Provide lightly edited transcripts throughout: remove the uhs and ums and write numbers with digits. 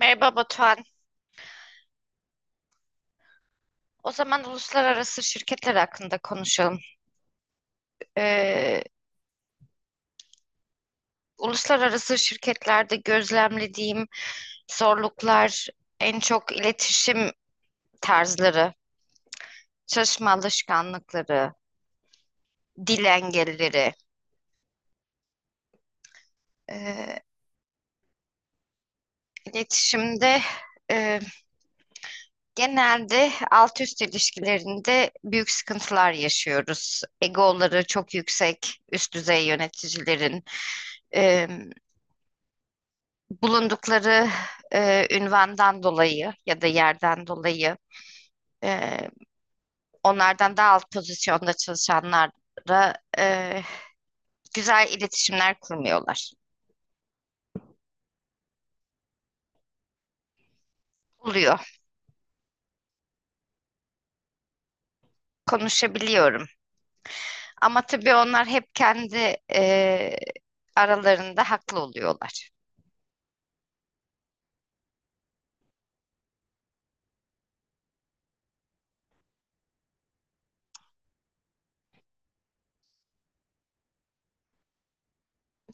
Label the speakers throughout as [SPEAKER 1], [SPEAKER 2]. [SPEAKER 1] Merhaba Batuhan. O zaman uluslararası şirketler hakkında konuşalım. Ee, uluslararası şirketlerde gözlemlediğim zorluklar en çok iletişim tarzları, çalışma alışkanlıkları, dil engelleri. Ee, iletişimde e, genelde alt üst ilişkilerinde büyük sıkıntılar yaşıyoruz. Egoları çok yüksek, üst düzey yöneticilerin. Ee, Bulundukları ünvandan dolayı ya da yerden dolayı e, onlardan daha alt pozisyonda çalışanlara e, güzel iletişimler kurmuyorlar. Oluyor. Konuşabiliyorum. Ama tabii onlar hep kendi aralarında haklı oluyorlar.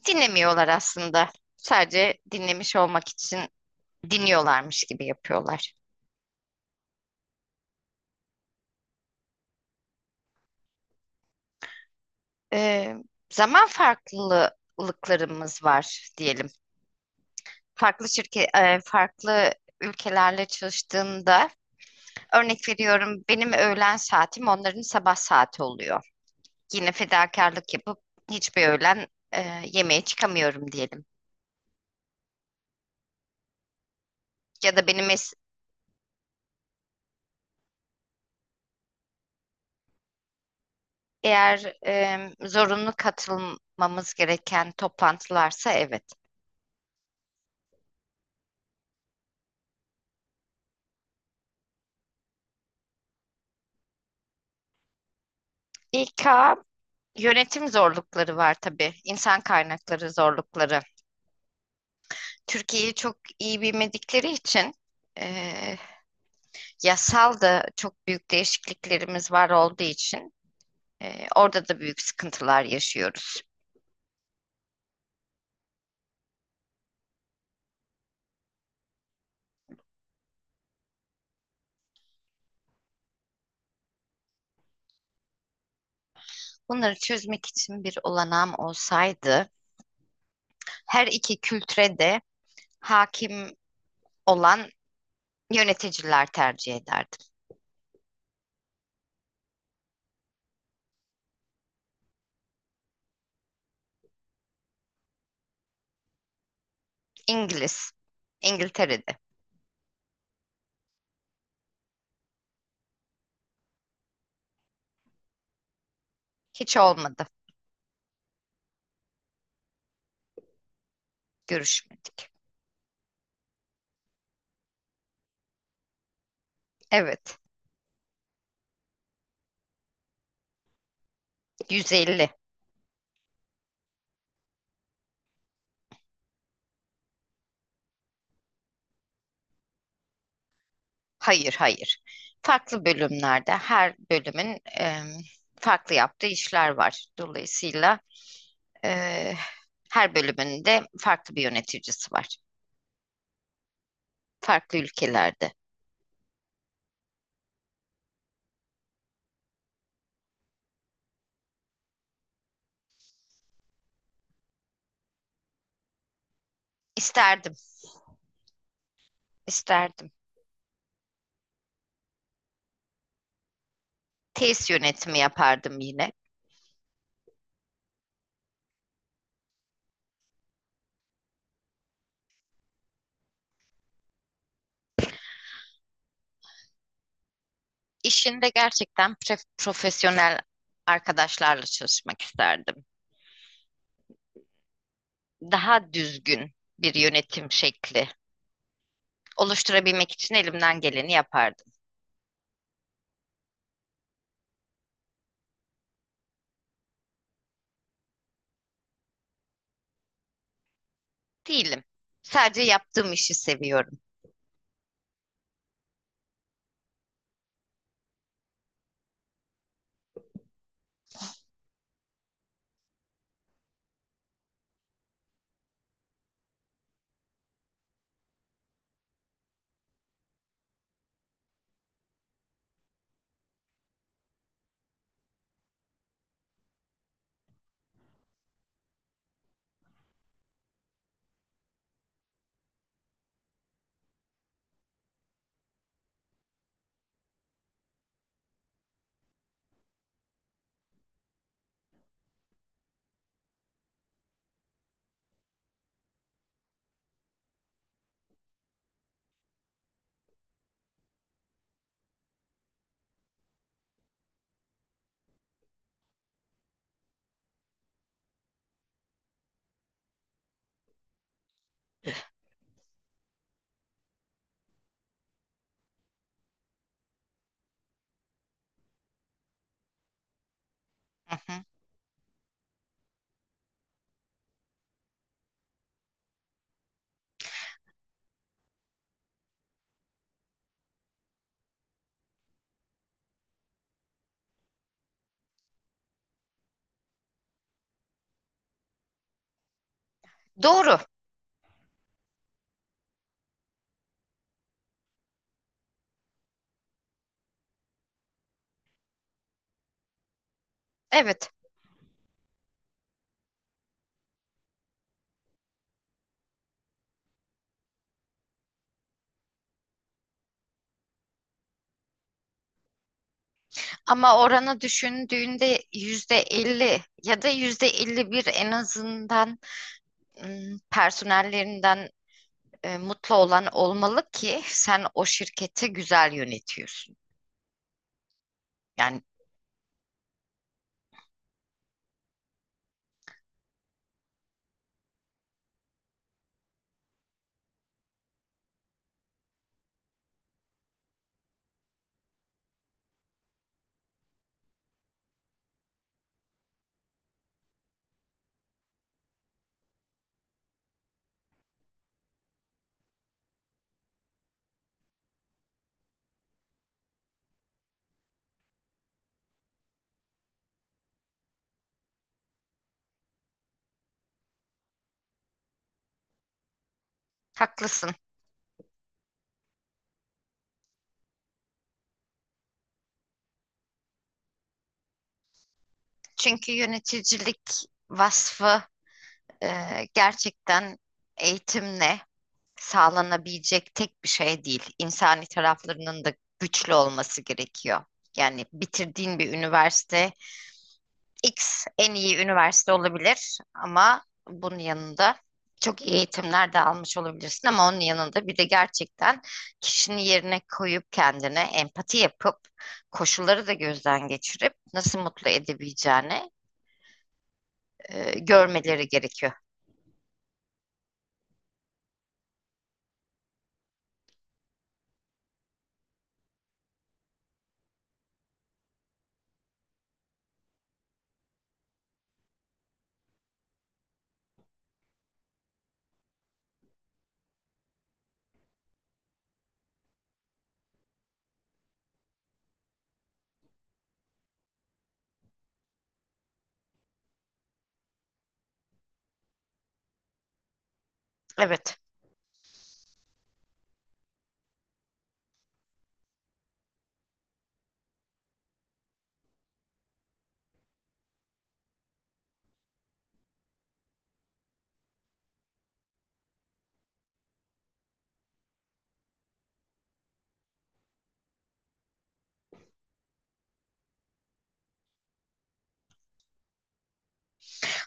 [SPEAKER 1] Dinlemiyorlar aslında. Sadece dinlemiş olmak için dinliyorlarmış gibi yapıyorlar. E, Zaman farklılıklarımız var diyelim. Farklı ülkelerle çalıştığımda örnek veriyorum, benim öğlen saatim onların sabah saati oluyor. Yine fedakarlık yapıp hiçbir öğlen yemeğe çıkamıyorum diyelim. Ya da benim es- eğer zorunlu katılmamız gereken toplantılarsa evet. İK yönetim zorlukları var tabii. İnsan kaynakları zorlukları. Türkiye'yi çok iyi bilmedikleri için e, yasal da çok büyük değişikliklerimiz var olduğu için orada da büyük sıkıntılar yaşıyoruz. Bunları çözmek için bir olanağım olsaydı her iki kültüre de hakim olan yöneticiler tercih ederdim. İngiliz, İngiltere'de. Hiç olmadı, görüşmedik. Evet, 150. Hayır, hayır. Farklı bölümlerde her bölümün farklı yaptığı işler var. Dolayısıyla Eee, her bölümünde farklı bir yöneticisi var. Farklı ülkelerde. İsterdim, isterdim. Tesis yönetimi yapardım yine. İşinde gerçekten profesyonel arkadaşlarla çalışmak isterdim. Daha düzgün bir yönetim şekli oluşturabilmek için elimden geleni yapardım. Değilim. Sadece yaptığım işi seviyorum. Hı hı. Doğru. Evet. Ama oranı düşündüğünde %50 ya da %51 en azından personellerinden mutlu olan olmalı ki sen o şirketi güzel yönetiyorsun. Yani haklısın. Çünkü yöneticilik vasfı gerçekten eğitimle sağlanabilecek tek bir şey değil. İnsani taraflarının da güçlü olması gerekiyor. Yani bitirdiğin bir üniversite X en iyi üniversite olabilir ama bunun yanında çok iyi eğitimler de almış olabilirsin, ama onun yanında bir de gerçekten kişinin yerine koyup kendine empati yapıp koşulları da gözden geçirip nasıl mutlu edebileceğini görmeleri gerekiyor. Evet.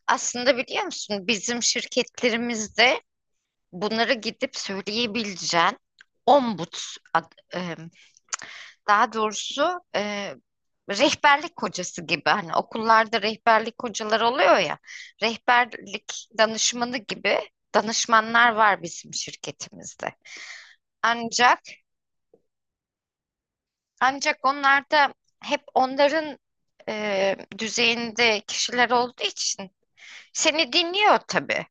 [SPEAKER 1] Aslında biliyor musun, bizim şirketlerimizde bunları gidip söyleyebileceğin ombuds, daha doğrusu rehberlik hocası gibi, hani okullarda rehberlik hocaları oluyor ya, rehberlik danışmanı gibi danışmanlar var bizim şirketimizde. Ancak ancak onlar da hep onların düzeyinde kişiler olduğu için seni dinliyor tabii.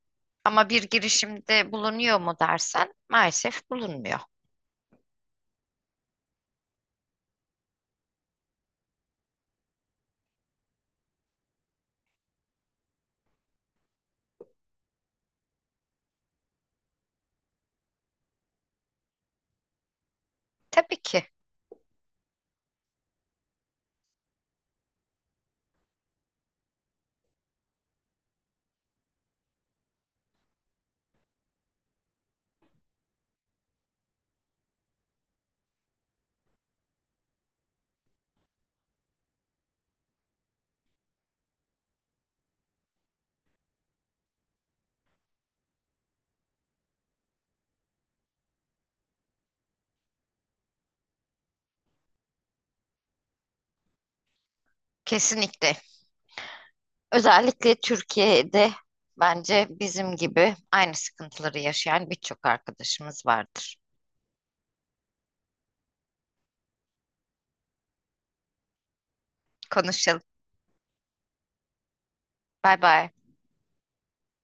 [SPEAKER 1] Ama bir girişimde bulunuyor mu dersen, maalesef bulunmuyor. Tabii ki. Kesinlikle. Özellikle Türkiye'de bence bizim gibi aynı sıkıntıları yaşayan birçok arkadaşımız vardır. Konuşalım. Bay bay.